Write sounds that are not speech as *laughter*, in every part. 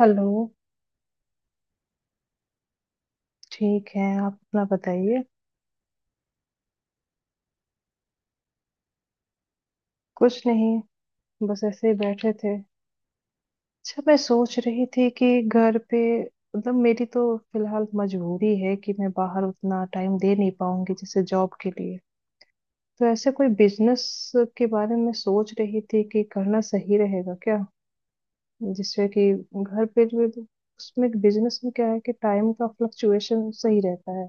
Hello. ठीक है। आप अपना बताइए। कुछ नहीं, बस ऐसे ही बैठे थे। अच्छा, मैं सोच रही थी कि घर पे, मतलब मेरी तो फिलहाल मजबूरी है कि मैं बाहर उतना टाइम दे नहीं पाऊंगी, जैसे जॉब के लिए। तो ऐसे कोई बिजनेस के बारे में सोच रही थी कि करना सही रहेगा क्या, जिससे कि घर पे जो है, उसमें बिजनेस में क्या है कि टाइम का फ्लक्चुएशन सही रहता है।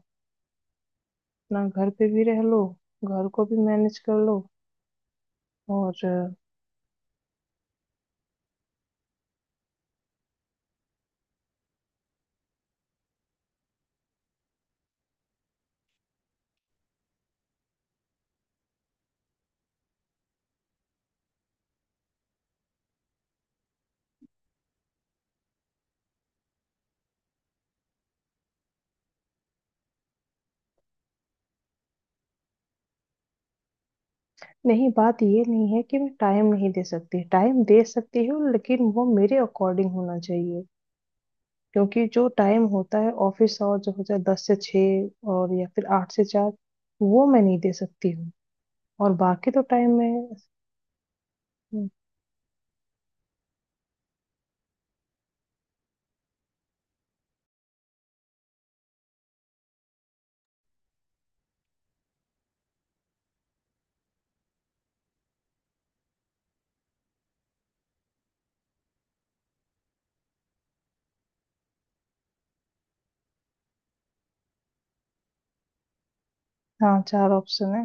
अपना घर पे भी रह लो, घर को भी मैनेज कर लो और नहीं, बात ये नहीं है कि मैं टाइम नहीं दे सकती, टाइम दे सकती हूँ, लेकिन वो मेरे अकॉर्डिंग होना चाहिए। क्योंकि जो टाइम होता है, ऑफिस आवर जो होता है 10 से 6, और या फिर 8 से 4, वो मैं नहीं दे सकती हूँ। और बाकी तो टाइम में हाँ, चार ऑप्शन है।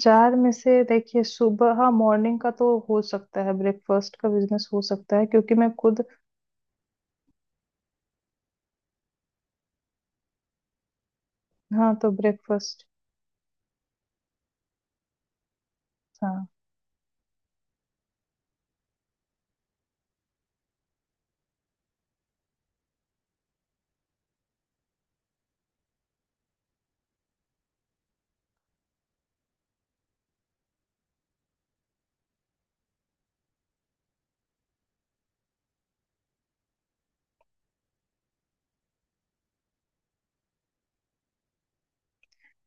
चार में से देखिए, सुबह, हाँ, मॉर्निंग का तो हो सकता है ब्रेकफास्ट का बिजनेस हो सकता है, क्योंकि मैं खुद। हाँ, तो ब्रेकफास्ट।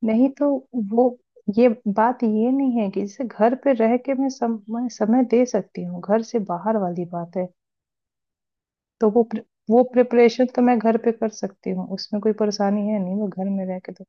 नहीं, तो वो ये, बात ये नहीं है कि जैसे घर पे रह के मैं समय समय दे सकती हूँ, घर से बाहर वाली बात है। तो वो प्रिपरेशन तो मैं घर पे कर सकती हूँ, उसमें कोई परेशानी है नहीं, मैं घर में रह के तो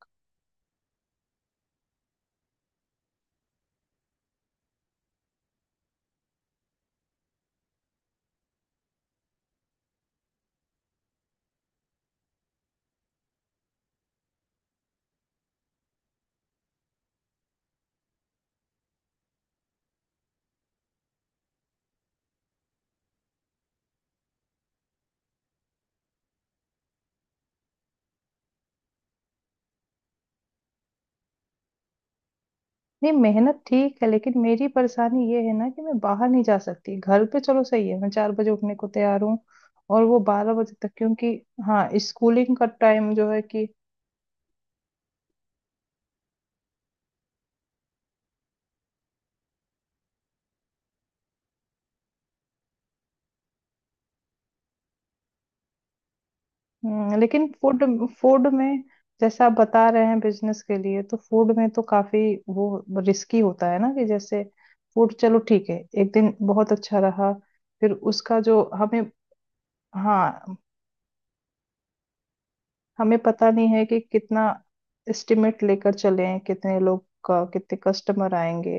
नहीं। मेहनत ठीक है लेकिन मेरी परेशानी ये है ना कि मैं बाहर नहीं जा सकती, घर पे चलो सही है, मैं 4 बजे उठने को तैयार हूँ और वो 12 बजे तक, क्योंकि हाँ, स्कूलिंग का टाइम जो है कि लेकिन फूड, फूड में, जैसे आप बता रहे हैं बिजनेस के लिए, तो फूड में तो काफी वो रिस्की होता है ना, कि जैसे फूड चलो ठीक है, एक दिन बहुत अच्छा रहा, फिर उसका जो हमें, हाँ, हमें पता नहीं है कि कितना एस्टिमेट लेकर चलें, कितने लोग का, कितने कस्टमर आएंगे।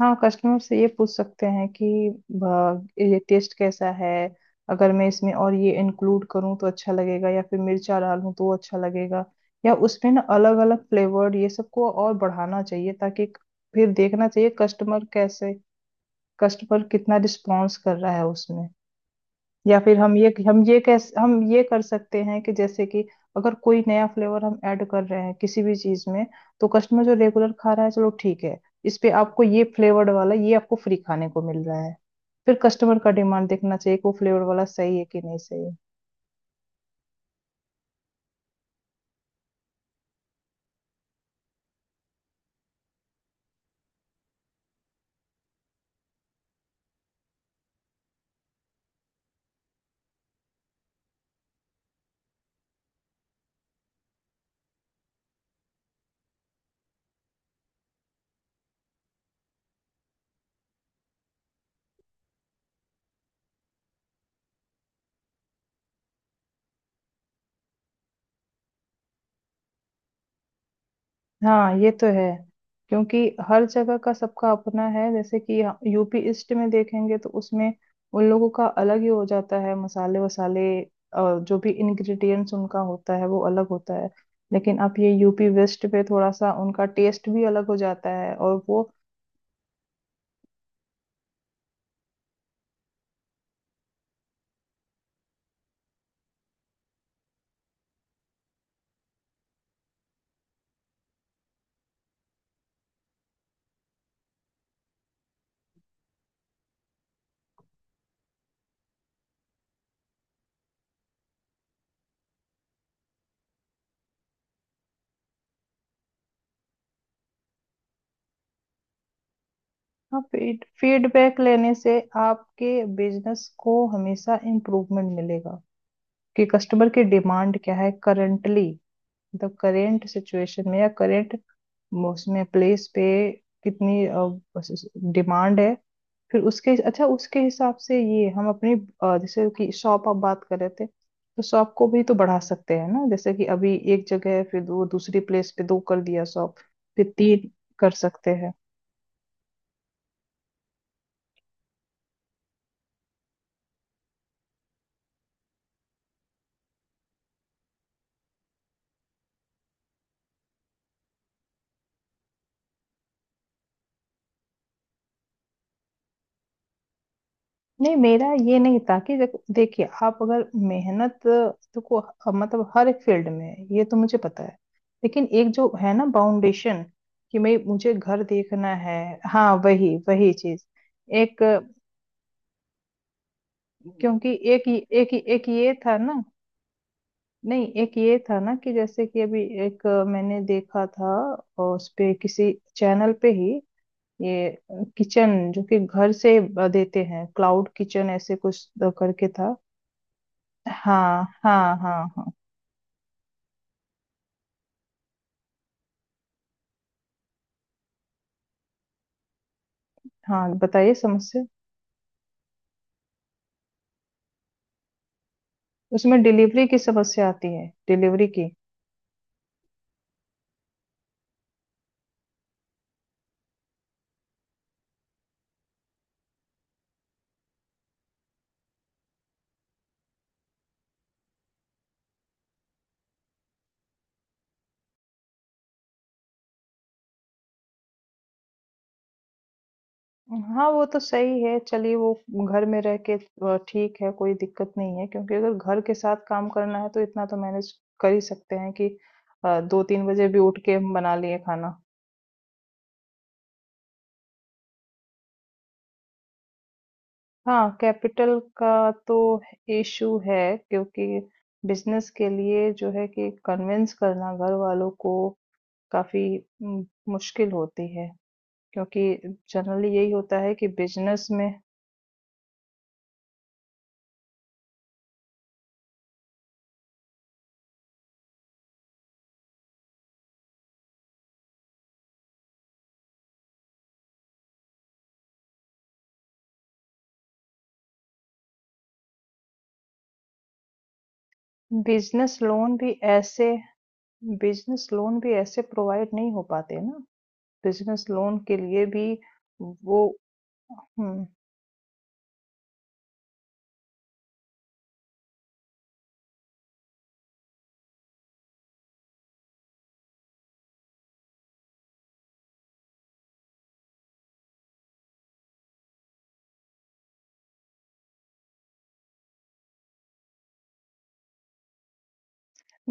हाँ, कस्टमर से ये पूछ सकते हैं कि ये टेस्ट कैसा है, अगर मैं इसमें और ये इंक्लूड करूँ तो अच्छा लगेगा, या फिर मिर्चा डालूं तो अच्छा लगेगा, या उसमें ना अलग अलग फ्लेवर्ड ये सबको और बढ़ाना चाहिए, ताकि फिर देखना चाहिए कस्टमर कैसे, कस्टमर कितना रिस्पॉन्स कर रहा है उसमें। या फिर हम ये कर सकते हैं कि, जैसे कि अगर कोई नया फ्लेवर हम ऐड कर रहे हैं किसी भी चीज में, तो कस्टमर जो रेगुलर खा रहा है चलो ठीक है, इस पे आपको ये फ्लेवर्ड वाला, ये आपको फ्री खाने को मिल रहा है, फिर कस्टमर का डिमांड देखना चाहिए कि वो फ्लेवर वाला सही है कि नहीं सही। हाँ, ये तो है, क्योंकि हर जगह का सबका अपना है, जैसे कि यूपी ईस्ट में देखेंगे तो उसमें उन लोगों का अलग ही हो जाता है, मसाले वसाले, जो भी इंग्रेडिएंट्स उनका होता है वो अलग होता है। लेकिन आप, ये यूपी वेस्ट पे थोड़ा सा उनका टेस्ट भी अलग हो जाता है, और वो हाँ, फीडबैक लेने से आपके बिजनेस को हमेशा इम्प्रूवमेंट मिलेगा, कि कस्टमर की डिमांड क्या है करंटली, मतलब करेंट सिचुएशन में, या करेंट उसमें प्लेस पे कितनी डिमांड है, फिर उसके, अच्छा, उसके हिसाब से ये हम अपनी, जैसे कि शॉप आप बात कर रहे थे, तो शॉप को भी तो बढ़ा सकते हैं ना, जैसे कि अभी एक जगह है, फिर वो दूसरी प्लेस पे दो कर दिया शॉप, फिर तीन कर सकते हैं। नहीं, मेरा ये नहीं था कि देखिए आप, अगर मेहनत देखो मतलब हर एक फील्ड में है, ये तो मुझे पता है, लेकिन एक जो है ना फाउंडेशन, कि मैं, मुझे घर देखना है। हाँ, वही वही चीज, एक, क्योंकि एक एक एक ये था ना। नहीं, एक ये था ना कि जैसे कि अभी एक मैंने देखा था, और उस पे किसी चैनल पे ही, ये किचन जो कि घर से देते हैं, क्लाउड किचन ऐसे कुछ करके था। हाँ, हाँ, हाँ, हाँ। हाँ, बताइए समस्या। उसमें डिलीवरी की समस्या आती है, डिलीवरी की। हाँ, वो तो सही है, चलिए वो घर में रह के ठीक है, कोई दिक्कत नहीं है, क्योंकि अगर घर के साथ काम करना है तो इतना तो मैनेज कर ही सकते हैं कि, 2-3 बजे भी उठ के हम बना लिए खाना। हाँ, कैपिटल का तो इशू है, क्योंकि बिजनेस के लिए जो है कि कन्विंस करना घर वालों को काफी मुश्किल होती है, क्योंकि जनरली यही होता है कि बिजनेस में बिजनेस लोन भी ऐसे बिजनेस लोन भी ऐसे प्रोवाइड नहीं हो पाते ना, बिजनेस लोन के लिए भी वो। हम्म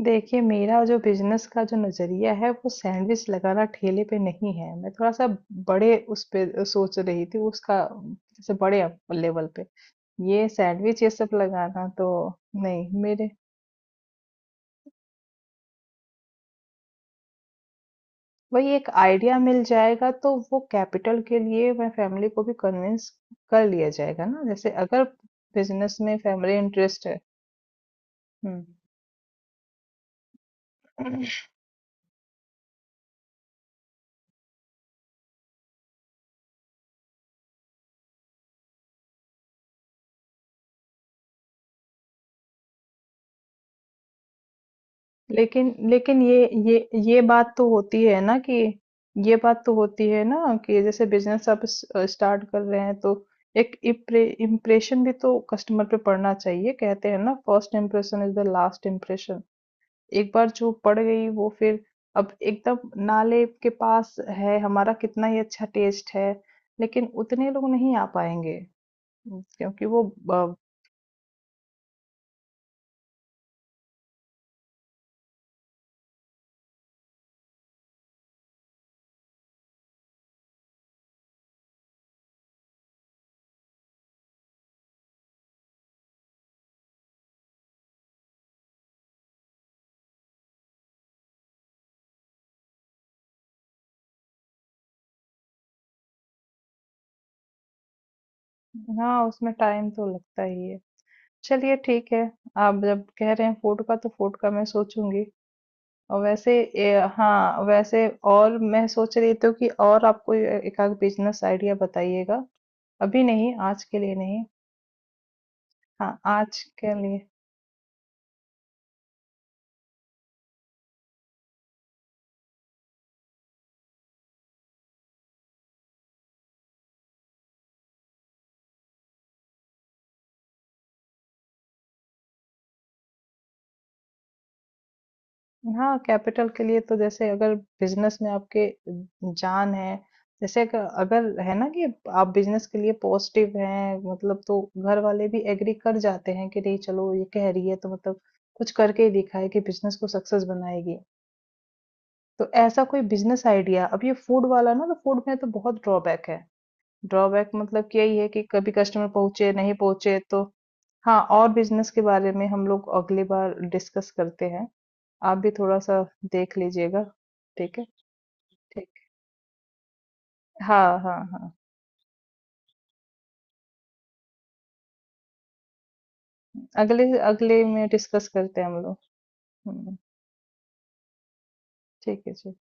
देखिए, मेरा जो बिजनेस का जो नजरिया है, वो सैंडविच लगाना ठेले पे नहीं है, मैं थोड़ा सा बड़े उस पे सोच रही थी उसका, जैसे बड़े लेवल पे ये सैंडविच ये सब लगाना तो नहीं। मेरे वही एक आइडिया मिल जाएगा, तो वो कैपिटल के लिए मैं फैमिली को भी कन्विंस कर लिया जाएगा ना, जैसे अगर बिजनेस में फैमिली इंटरेस्ट है। हम्म। *clears throat* लेकिन लेकिन ये बात तो होती है ना कि, ये बात तो होती है ना कि जैसे बिजनेस आप स्टार्ट कर रहे हैं, तो एक इम्प्रेशन भी तो कस्टमर पे पड़ना चाहिए, कहते हैं ना, first impression is the last impression. एक बार जो पड़ गई, वो फिर, अब एकदम नाले के पास है, हमारा कितना ही अच्छा टेस्ट है लेकिन उतने लोग नहीं आ पाएंगे, क्योंकि वो अ, हाँ, उसमें टाइम तो लगता ही है, चलिए ठीक है। आप जब कह रहे हैं फूड का, तो फूड का मैं सोचूंगी, और वैसे हाँ, वैसे, और मैं सोच रही थी कि और आपको एक आध बिजनेस आइडिया बताइएगा, अभी नहीं, आज के लिए नहीं। हाँ, आज के लिए। हाँ, कैपिटल के लिए तो, जैसे अगर बिजनेस में आपके जान है, जैसे अगर अगर है ना कि आप बिजनेस के लिए पॉजिटिव हैं मतलब, तो घर वाले भी एग्री कर जाते हैं कि नहीं चलो ये कह रही है, तो मतलब कुछ करके ही दिखाए कि बिजनेस को सक्सेस बनाएगी। तो ऐसा कोई बिजनेस आइडिया, अब ये फूड वाला ना, तो फूड में तो बहुत ड्रॉबैक है, ड्रॉबैक मतलब कि यही है कि कभी कस्टमर पहुंचे नहीं पहुंचे तो। हाँ, और बिजनेस के बारे में हम लोग अगली बार डिस्कस करते हैं, आप भी थोड़ा-सा देख लीजिएगा, ठीक है? ठीक है। हाँ, हाँ, हाँ। अगले अगले में डिस्कस करते हैं हम लोग। हुँ, ठीक है जी।